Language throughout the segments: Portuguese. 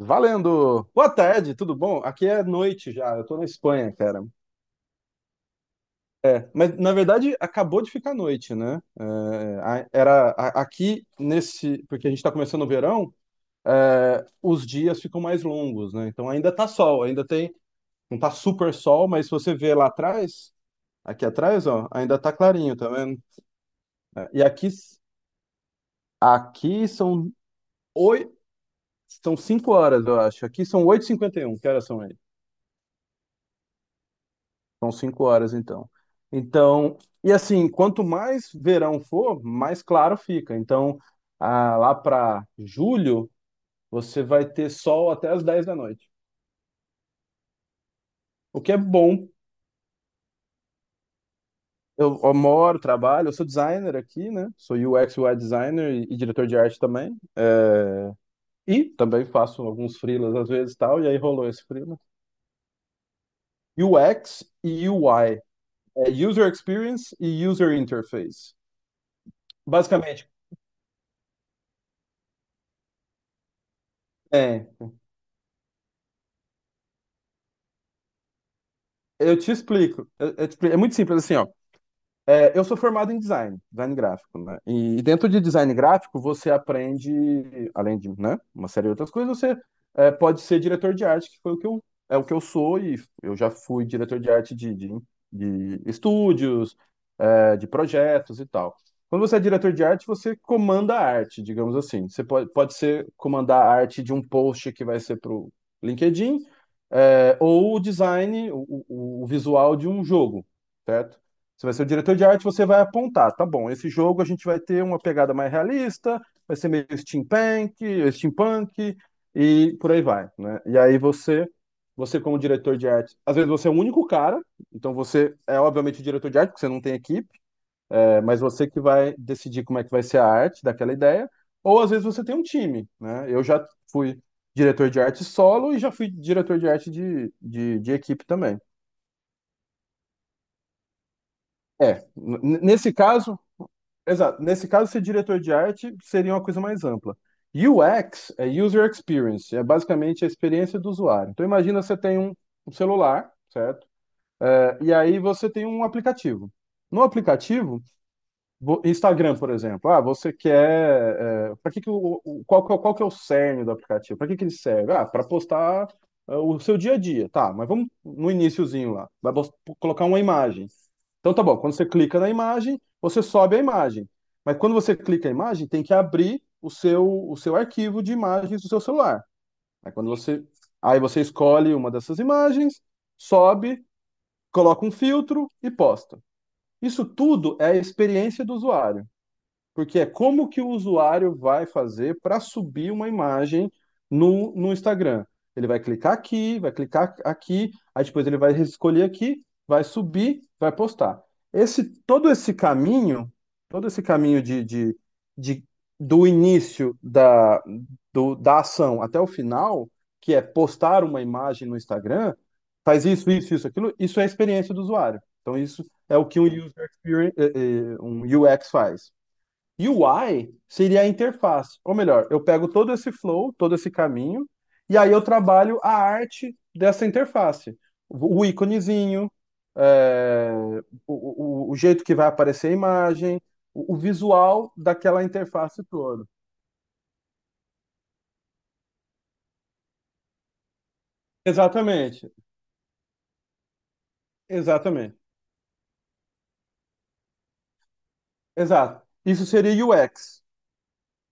Valendo! Boa tarde, tudo bom? Aqui é noite já, eu tô na Espanha, cara. Mas na verdade acabou de ficar noite, né? Aqui nesse, porque a gente tá começando o verão, os dias ficam mais longos, né? Então ainda tá sol, ainda tem, não tá super sol, mas se você vê lá atrás, aqui atrás, ó, ainda tá clarinho, tá vendo? É, e aqui, aqui são oito, são cinco horas, eu acho. Aqui são 8h51, que horas são aí? São cinco horas, então. Então, e assim, quanto mais verão for, mais claro fica. Então, ah, lá para julho, você vai ter sol até as 10 da noite, o que é bom. Eu moro, trabalho, eu sou designer aqui, né? Sou UX, UI designer e diretor de arte também. E também faço alguns freelas às vezes e tal, e aí rolou esse freela. UX e UI, é User Experience e User Interface. Basicamente, é, eu te explico. É muito simples assim, ó. Eu sou formado em design, design gráfico, né? E dentro de design gráfico, você aprende, além de, né, uma série de outras coisas, pode ser diretor de arte, que foi o que eu, é o que eu sou, e eu já fui diretor de arte de estúdios, de projetos e tal. Quando você é diretor de arte, você comanda a arte, digamos assim. Pode ser comandar a arte de um post que vai ser para o LinkedIn, ou o design, o visual de um jogo, certo? Você vai ser o diretor de arte, você vai apontar, tá bom, esse jogo a gente vai ter uma pegada mais realista, vai ser meio steampunk e por aí vai, né? Você, como diretor de arte, às vezes você é o único cara, então você é obviamente o diretor de arte, porque você não tem equipe, mas você que vai decidir como é que vai ser a arte daquela ideia, ou às vezes você tem um time, né? Eu já fui diretor de arte solo e já fui diretor de arte de equipe também. É, n- nesse caso, Exato. Nesse caso, ser diretor de arte seria uma coisa mais ampla. UX é User Experience, é basicamente a experiência do usuário. Então, imagina um celular, certo? E aí você tem um aplicativo. No aplicativo, Instagram, por exemplo, ah, você quer, para que que que é qual que é o cerne do aplicativo? Para que que ele serve? Ah, para postar ah, o seu dia a dia, tá? Mas vamos no iniciozinho lá, colocar uma imagem. Então tá bom, quando você clica na imagem, você sobe a imagem. Mas quando você clica a imagem, tem que abrir o seu arquivo de imagens do seu celular. Aí quando você, Aí você escolhe uma dessas imagens, sobe, coloca um filtro e posta. Isso tudo é a experiência do usuário. Porque é como que o usuário vai fazer para subir uma imagem no Instagram. Ele vai clicar aqui, aí depois ele vai escolher aqui, vai subir, vai postar. Todo esse caminho, todo esse caminho de- do início da, do- da ação até o final, que é postar uma imagem no Instagram, faz isso, isso, isso, aquilo, isso é a experiência do usuário. Então, isso é o que um user experience, um UX faz. UI seria a interface, ou melhor, eu pego todo esse flow, todo esse caminho, e aí eu trabalho a arte dessa interface. O íconezinho, é, o jeito que vai aparecer a imagem, o visual daquela interface toda. Exatamente, exatamente, exato. Isso seria UX.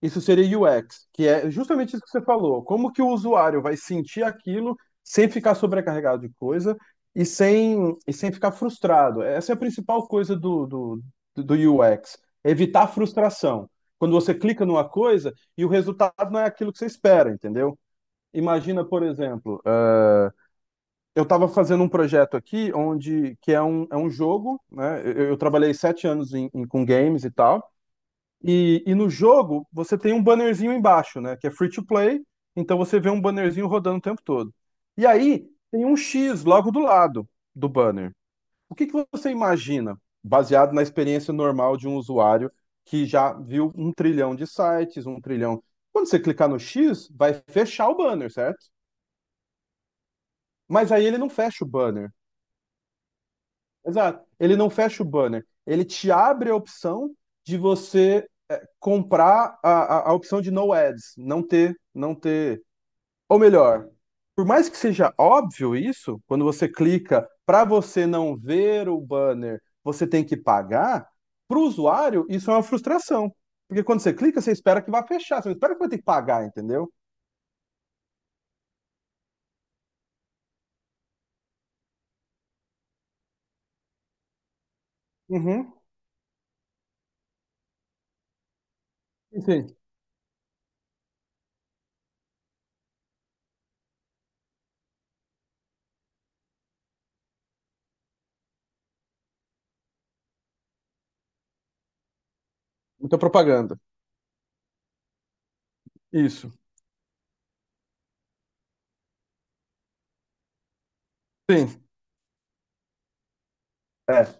Isso seria UX, que é justamente isso que você falou. Como que o usuário vai sentir aquilo sem ficar sobrecarregado de coisa e sem ficar frustrado? Essa é a principal coisa do UX, evitar frustração. Quando você clica numa coisa e o resultado não é aquilo que você espera, entendeu? Imagina, por exemplo, eu estava fazendo um projeto aqui onde que é é um jogo, né? Eu trabalhei 7 anos com games e tal. No jogo, você tem um bannerzinho embaixo, né? Que é free to play, então você vê um bannerzinho rodando o tempo todo. E aí tem um X logo do lado do banner. O que que você imagina, baseado na experiência normal de um usuário que já viu um trilhão de sites, um trilhão. Quando você clicar no X, vai fechar o banner, certo? Mas aí ele não fecha o banner. Exato. Ele não fecha o banner. Ele te abre a opção de você comprar a opção de no ads, não ter, não ter. Ou melhor, por mais que seja óbvio isso, quando você clica para você não ver o banner, você tem que pagar, para o usuário isso é uma frustração. Porque quando você clica, você espera que vai fechar, você espera que vai ter que pagar, entendeu? Uhum. Sim, sim. Muita propaganda. Isso. Sim. É.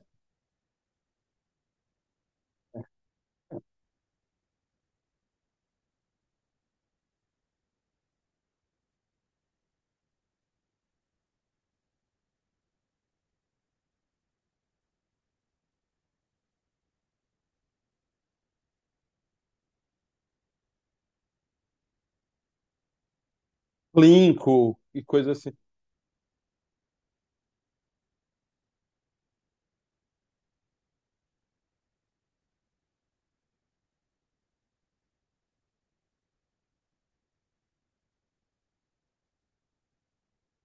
Linko e coisa assim.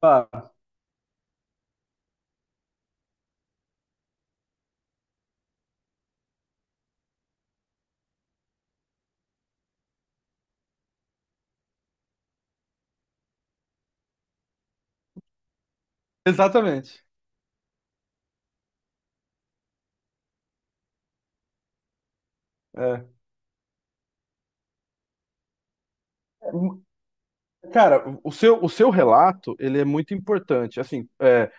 Ah, exatamente. É. Cara, o seu relato, ele é muito importante. Assim,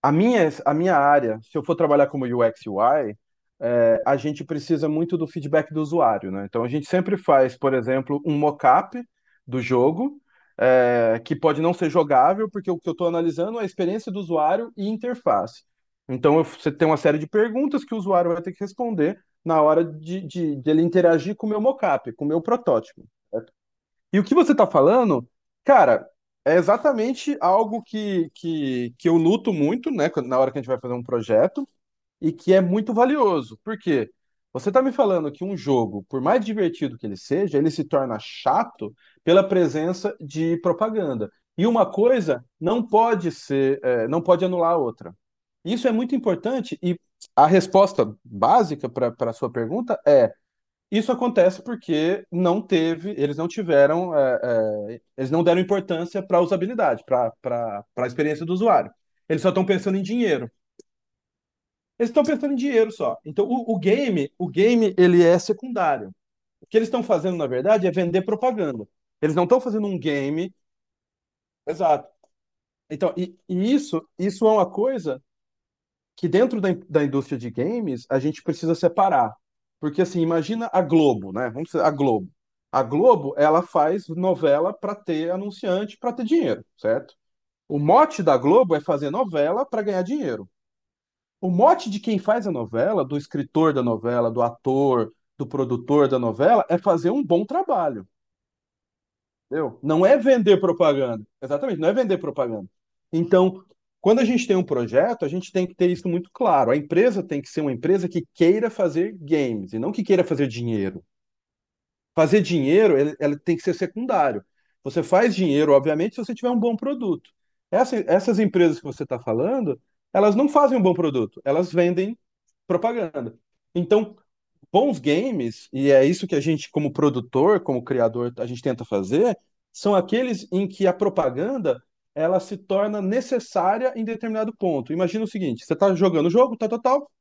a minha área, se eu for trabalhar como UX UI, a gente precisa muito do feedback do usuário, né? Então, a gente sempre faz, por exemplo, um mockup do jogo, que pode não ser jogável, porque o que eu estou analisando é a experiência do usuário e interface. Então, você tem uma série de perguntas que o usuário vai ter que responder na hora dele interagir com o meu mockup, com o meu protótipo. E o que você tá falando, cara, é exatamente algo que eu luto muito, né, na hora que a gente vai fazer um projeto, e que é muito valioso. Por quê? Você tá me falando que um jogo, por mais divertido que ele seja, ele se torna chato pela presença de propaganda. E uma coisa não pode ser, não pode anular a outra. Isso é muito importante, e a resposta básica para a sua pergunta é. Isso acontece porque não teve, eles não tiveram, eles não deram importância para a usabilidade, para a experiência do usuário. Eles só estão pensando em dinheiro. Eles estão pensando em dinheiro só. Então, o game, ele é secundário. O que eles estão fazendo, na verdade, é vender propaganda. Eles não estão fazendo um game. Exato. Então, isso é uma coisa que dentro da, da indústria de games a gente precisa separar. Porque assim, imagina a Globo, né? Vamos dizer, a Globo. A Globo, ela faz novela para ter anunciante, para ter dinheiro, certo? O mote da Globo é fazer novela para ganhar dinheiro. O mote de quem faz a novela, do escritor da novela, do ator, do produtor da novela, é fazer um bom trabalho. Entendeu? Não é vender propaganda. Exatamente, não é vender propaganda. Então, quando a gente tem um projeto, a gente tem que ter isso muito claro. A empresa tem que ser uma empresa que queira fazer games e não que queira fazer dinheiro. Fazer dinheiro, ela tem que ser secundário. Você faz dinheiro, obviamente, se você tiver um bom produto. Essas empresas que você está falando, elas não fazem um bom produto, elas vendem propaganda. Então, bons games, e é isso que a gente, como produtor, como criador, a gente tenta fazer, são aqueles em que a propaganda ela se torna necessária em determinado ponto. Imagina o seguinte: você está jogando o jogo, tal, tal, tal,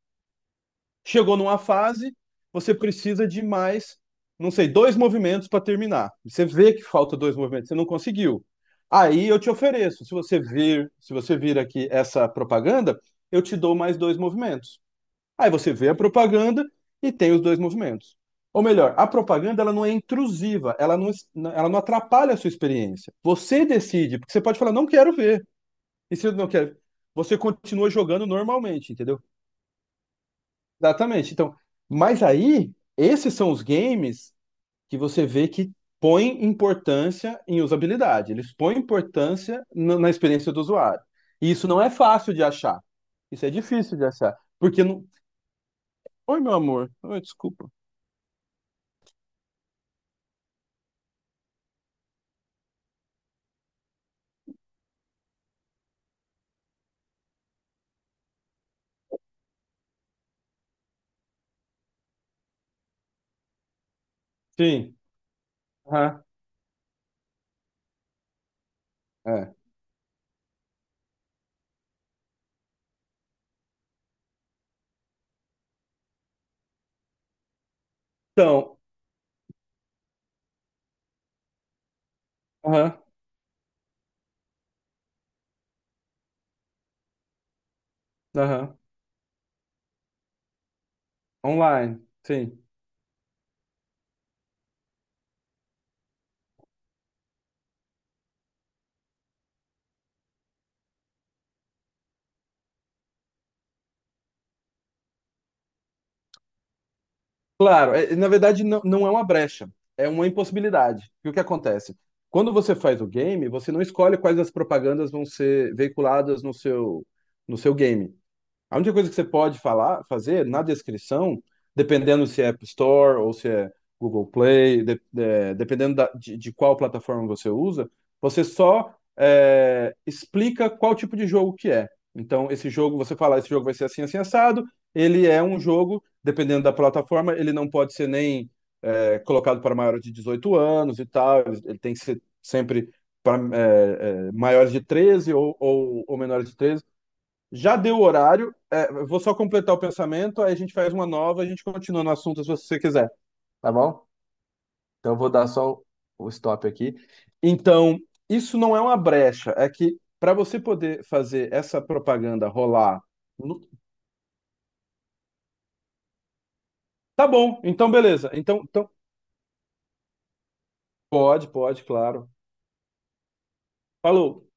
chegou numa fase, você precisa de mais, não sei, dois movimentos para terminar. Você vê que falta dois movimentos, você não conseguiu. Aí eu te ofereço, se você vir aqui essa propaganda, eu te dou mais dois movimentos. Aí você vê a propaganda e tem os dois movimentos. Ou melhor, a propaganda ela não é intrusiva, ela não atrapalha a sua experiência. Você decide, porque você pode falar, não quero ver. E se eu não quero, você continua jogando normalmente, entendeu? Exatamente. Então, mas aí, esses são os games que você vê que põem importância em usabilidade. Eles põem importância na na experiência do usuário. E isso não é fácil de achar. Isso é difícil de achar. Porque não. Oi, meu amor. Oi, desculpa. Sim. Aham. É. Então, aham, aham. Online, sim. Claro, na verdade não, não é uma brecha, é uma impossibilidade. E o que acontece? Quando você faz o game, você não escolhe quais as propagandas vão ser veiculadas no seu game. A única coisa que você pode falar, fazer na descrição, dependendo se é App Store ou se é Google Play, dependendo de qual plataforma você usa, você só explica qual tipo de jogo que é. Então, esse jogo, você fala, esse jogo vai ser assim, assim, assado. Ele é um jogo, dependendo da plataforma, ele não pode ser nem colocado para maiores de 18 anos e tal. Ele tem que ser sempre para maiores de 13 ou menores de 13. Já deu o horário. É, eu vou só completar o pensamento, aí a gente faz uma nova, a gente continua no assunto se você quiser, tá bom? Então eu vou dar só o stop aqui. Então, isso não é uma brecha, é que para você poder fazer essa propaganda rolar, no- tá bom, então beleza. Então, então pode, pode, claro. Falou.